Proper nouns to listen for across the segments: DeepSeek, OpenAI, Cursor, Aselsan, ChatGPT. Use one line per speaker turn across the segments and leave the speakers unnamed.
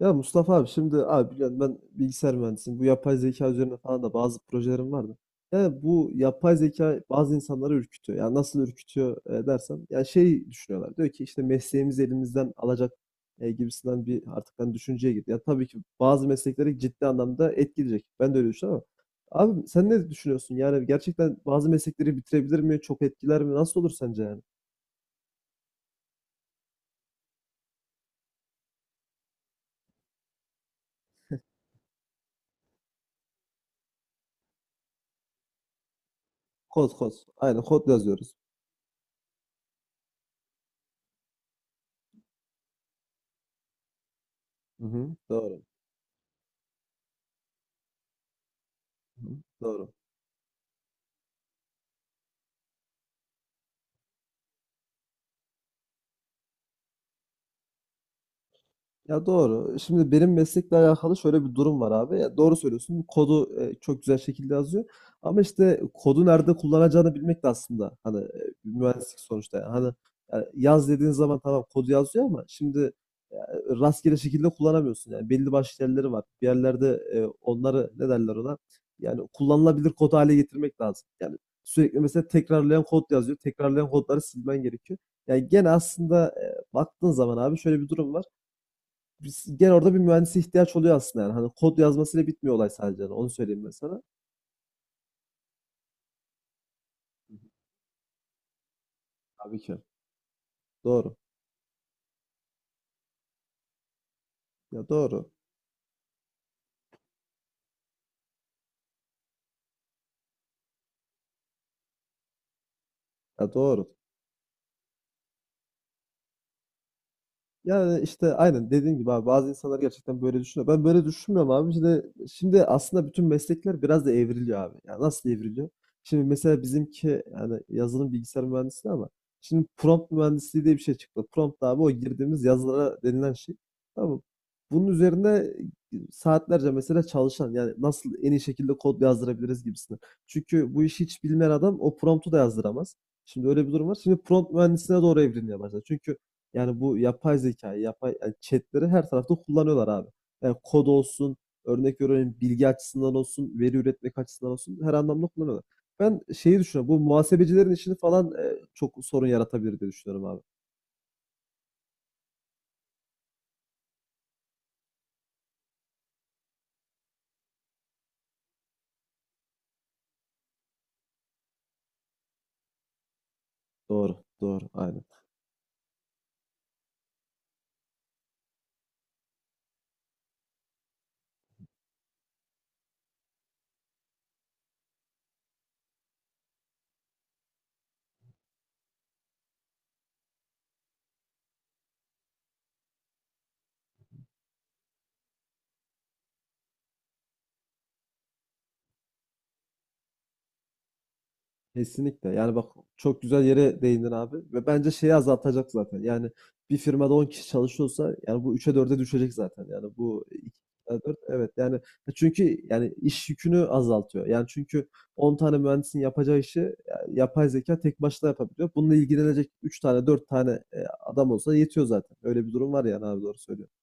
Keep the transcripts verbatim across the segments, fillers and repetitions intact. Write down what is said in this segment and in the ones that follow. Ya Mustafa abi şimdi abi biliyorsun ben bilgisayar mühendisiyim. Bu yapay zeka üzerine falan da bazı projelerim vardı. Yani bu yapay zeka bazı insanları ürkütüyor. Yani nasıl ürkütüyor e, dersen ya şey düşünüyorlar. Diyor ki işte mesleğimizi elimizden alacak e, gibisinden bir artık hani düşünceye girdi. Ya tabii ki bazı meslekleri ciddi anlamda etkileyecek. Ben de öyle düşünüyorum ama abi sen ne düşünüyorsun? Yani gerçekten bazı meslekleri bitirebilir mi? Çok etkiler mi? Nasıl olur sence yani? Kod kod. Aynen kod yazıyoruz. Hı hı. Doğru. Hı hı. Doğru. Ya doğru. Şimdi benim meslekle alakalı şöyle bir durum var abi. Ya doğru söylüyorsun. Kodu e, çok güzel şekilde yazıyor. Ama işte kodu nerede kullanacağını bilmek de aslında hani e, bir mühendislik sonuçta. Yani. Hani yani yaz dediğin zaman tamam kodu yazıyor ama şimdi e, rastgele şekilde kullanamıyorsun. Yani belli başlı yerleri var. Bir yerlerde e, onları ne derler ona? Yani kullanılabilir kod hale getirmek lazım. Yani sürekli mesela tekrarlayan kod yazıyor. Tekrarlayan kodları silmen gerekiyor. Yani gene aslında e, baktığın zaman abi şöyle bir durum var biz- gene orada bir mühendise ihtiyaç oluyor aslında yani. Hani kod yazmasıyla bitmiyor olay sadece. Yani Onu söyleyeyim ben sana. Tabii ki. Doğru. Ya doğru. Ya doğru. Yani, işte, aynen dediğin gibi abi bazı insanlar gerçekten böyle düşünüyor. Ben böyle düşünmüyorum abi. Şimdi şimdi aslında bütün meslekler biraz da evriliyor abi. Ya, nasıl evriliyor? Şimdi mesela bizimki, yani, yazılım bilgisayar mühendisliği ama şimdi prompt mühendisliği diye bir şey çıktı. Prompt abi o girdiğimiz yazılara denilen şey. Tamam mı? Bunun üzerine e, saatlerce mesela çalışan, yani, nasıl en iyi şekilde kod yazdırabiliriz gibisinden. Çünkü bu işi hiç bilmeyen adam o prompt'u da yazdıramaz. Şimdi öyle bir durum var. Şimdi prompt mühendisliğine doğru evrilmeye başladı. Çünkü yani bu yapay zekayı, yapay yani chat'leri her tarafta kullanıyorlar abi. Yani kod olsun, örnek veriyorum bilgi açısından olsun, veri üretmek açısından olsun her anlamda kullanıyorlar. Ben şeyi düşünüyorum. Bu muhasebecilerin işini falan e, çok sorun yaratabilir diye düşünüyorum abi. Doğru, doğru, aynen. Kesinlikle. Yani bak çok güzel yere değindin abi. Ve bence şeyi azaltacak zaten. Yani bir firmada on kişi çalışıyorsa yani bu üçe dörde düşecek zaten. Yani bu ikide dört evet yani e, çünkü yani iş yükünü azaltıyor. Yani çünkü on tane mühendisin yapacağı işi yani yapay zeka tek başına yapabiliyor. Bununla ilgilenecek üç tane dört tane e, adam olsa yetiyor zaten. Öyle bir durum var yani abi doğru söylüyorsun.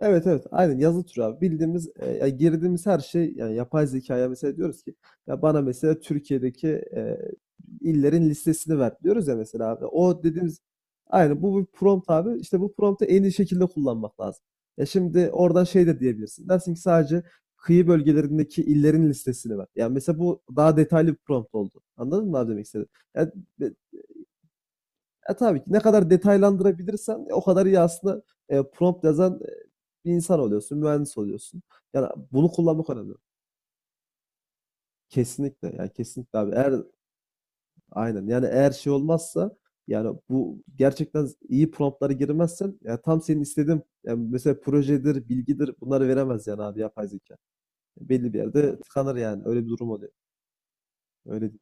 Evet evet aynen yazı türü abi. Bildiğimiz e, ya girdiğimiz her şey yani yapay zekaya mesela diyoruz ki ya bana mesela Türkiye'deki e, illerin listesini ver diyoruz ya mesela abi. O dediğimiz aynen bu bir prompt abi. İşte bu promptu en iyi şekilde kullanmak lazım. Ya şimdi oradan şey de diyebilirsin. Dersin ki sadece kıyı bölgelerindeki illerin listesini ver. Yani mesela bu daha detaylı bir prompt oldu. Anladın mı abi demek istedim? Yani e, tabii ki ne kadar detaylandırabilirsen e, o kadar iyi aslında e, prompt yazan e, bir insan oluyorsun, mühendis oluyorsun. Yani bunu kullanmak önemli. Kesinlikle yani kesinlikle abi. Eğer aynen yani eğer şey olmazsa yani bu gerçekten iyi promptlara girmezsen yani tam senin istediğin yani mesela projedir, bilgidir bunları veremez yani abi yapay zeka. Belli bir yerde tıkanır yani. Öyle bir durum oluyor. Öyle değil.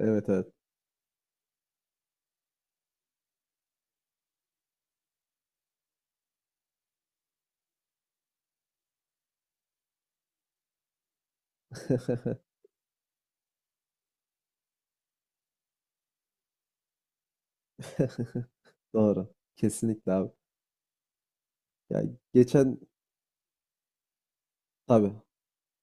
Evet evet. Doğru. Kesinlikle abi. Yani geçen tabii.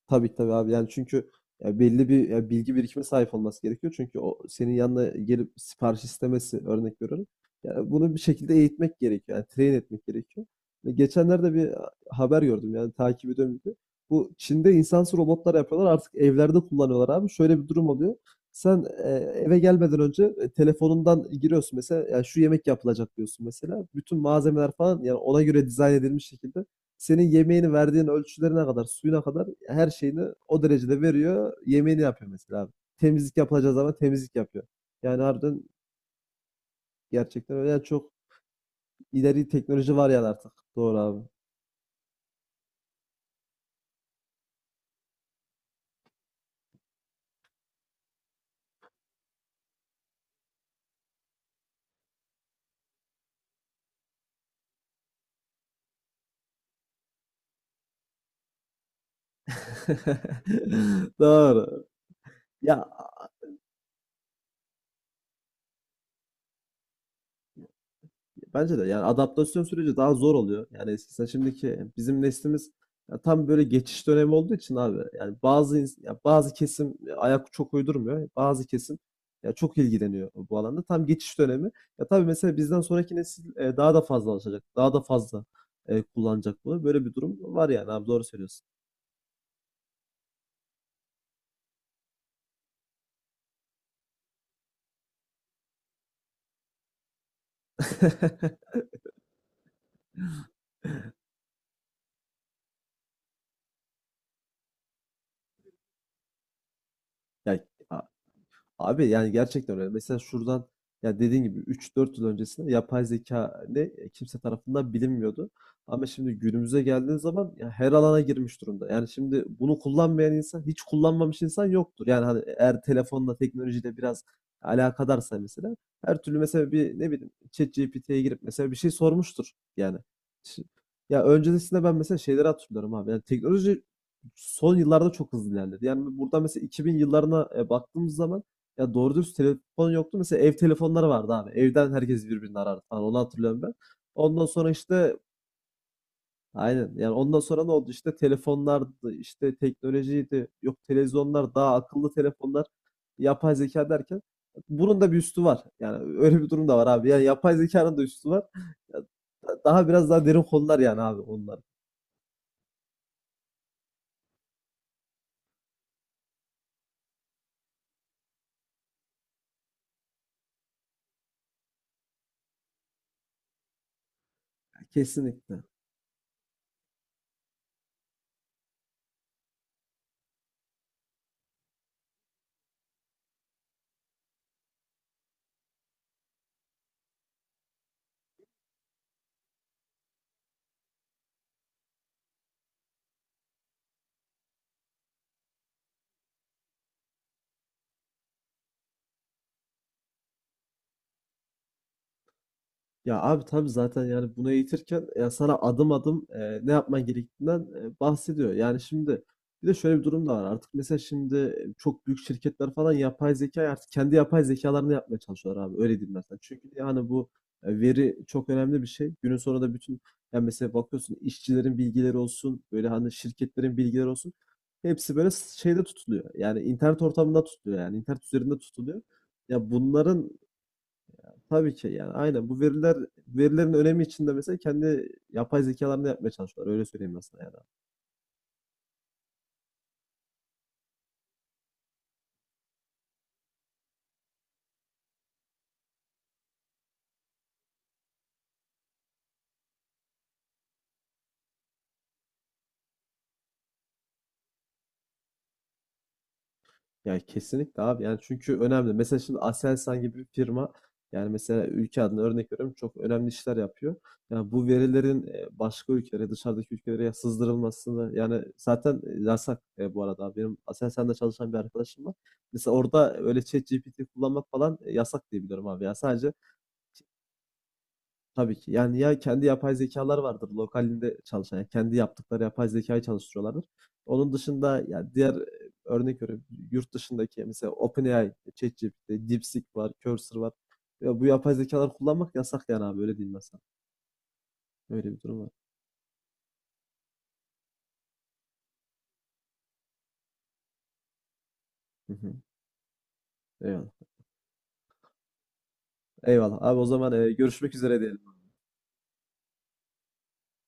Tabii tabii abi. Yani çünkü ya belli bir ya bilgi birikimine sahip olması gerekiyor. Çünkü o senin yanına gelip sipariş istemesi örnek veriyorum. Yani bunu bir şekilde eğitmek gerekiyor. Yani train etmek gerekiyor. Ve geçenlerde bir haber gördüm yani takip ediyorum bir de. Bu Çin'de insansız robotlar yapıyorlar artık evlerde kullanıyorlar abi. Şöyle bir durum oluyor. Sen e, eve gelmeden önce e, telefonundan giriyorsun mesela yani şu yemek yapılacak diyorsun mesela. Bütün malzemeler falan yani ona göre dizayn edilmiş şekilde senin yemeğini verdiğin ölçülerine kadar, suyuna kadar her şeyini o derecede veriyor. Yemeğini yapıyor mesela abi. Temizlik yapılacağı zaman temizlik yapıyor. Yani harbiden gerçekten öyle. Yani çok ileri teknoloji var yani artık. Doğru abi. Doğru. Ya, bence de yani adaptasyon süreci daha zor oluyor. Yani eskisi şimdiki bizim neslimiz ya tam böyle geçiş dönemi olduğu için abi yani bazı ins- ya bazı kesim ayak çok uydurmuyor. Bazı kesim ya çok ilgileniyor bu alanda. Tam geçiş dönemi. Ya tabii mesela bizden sonraki nesil e, daha da fazla alışacak. Daha da fazla e, kullanacak bunu. Böyle bir durum var yani abi doğru söylüyorsun. Ya, abi yani gerçekten öyle. Mesela şuradan ya dediğin gibi üç dört yıl öncesinde yapay zeka ne e, kimse tarafından bilinmiyordu. Ama şimdi günümüze geldiğin zaman ya her alana girmiş durumda. Yani şimdi bunu kullanmayan insan, hiç kullanmamış insan yoktur. Yani hani eğer telefonla, teknolojiyle biraz alakadarsa mesela her türlü mesela bir ne bileyim ChatGPT'ye girip mesela bir şey sormuştur yani. Şi- Ya öncesinde ben mesela şeyleri hatırlıyorum abi. Yani teknoloji son yıllarda çok hızlı ilerledi. Yani burada mesela iki bin yıllarına e, baktığımız zaman ya doğru dürüst telefon yoktu. Mesela ev telefonları vardı abi. Evden herkes birbirini arardı falan. Onu hatırlıyorum ben. Ondan sonra işte aynen. Yani ondan sonra ne oldu? İşte telefonlardı, işte teknolojiydi. Yok televizyonlar, daha akıllı telefonlar, yapay zeka derken bunun da bir üstü var. Yani öyle bir durum da var abi. Yani yapay zekanın da üstü var. Ya, daha biraz daha derin konular yani abi onlar. Kesinlikle. Ya abi tabii zaten yani bunu eğitirken ya sana adım adım e, ne yapman gerektiğinden e, bahsediyor. Yani şimdi bir de şöyle bir durum da var. Artık mesela şimdi e, çok büyük şirketler falan yapay zeka artık kendi yapay zekalarını yapmaya çalışıyorlar abi. Öyle diyeyim mesela. Çünkü yani bu e, veri çok önemli bir şey. Günün sonunda bütün yani mesela bakıyorsun işçilerin bilgileri olsun, böyle hani şirketlerin bilgileri olsun. Hepsi böyle şeyde tutuluyor. Yani internet ortamında tutuluyor yani internet üzerinde tutuluyor. Ya bunların. Tabii ki yani aynen. Bu veriler verilerin önemi içinde mesela kendi yapay zekalarını yapmaya çalışıyorlar. Öyle söyleyeyim ben yani. Yani kesinlikle abi. Yani çünkü önemli. Mesela şimdi Aselsan gibi bir firma yani mesela ülke adına örnek veriyorum çok önemli işler yapıyor. Yani bu verilerin e, başka ülkelere, dışarıdaki ülkelere sızdırılmasını yani zaten yasak e, bu arada. Benim Aselsan'da çalışan bir arkadaşım var. Mesela orada öyle ChatGPT kullanmak falan e, yasak diye biliyorum abi. Ya sadece. Tabii ki. Yani ya kendi yapay zekalar vardır lokalinde çalışan. Yani kendi yaptıkları yapay zekayı çalıştırıyorlardır. Onun dışında ya diğer e, örnek veriyorum yurt dışındaki mesela OpenAI, ChatGPT, DeepSeek var, Cursor var. Ya bu yapay zekalar kullanmak yasak yani abi öyle diyeyim ben sana. Öyle bir durum var. Hı hı. Eyvallah. Eyvallah. Abi o zaman e, görüşmek üzere diyelim.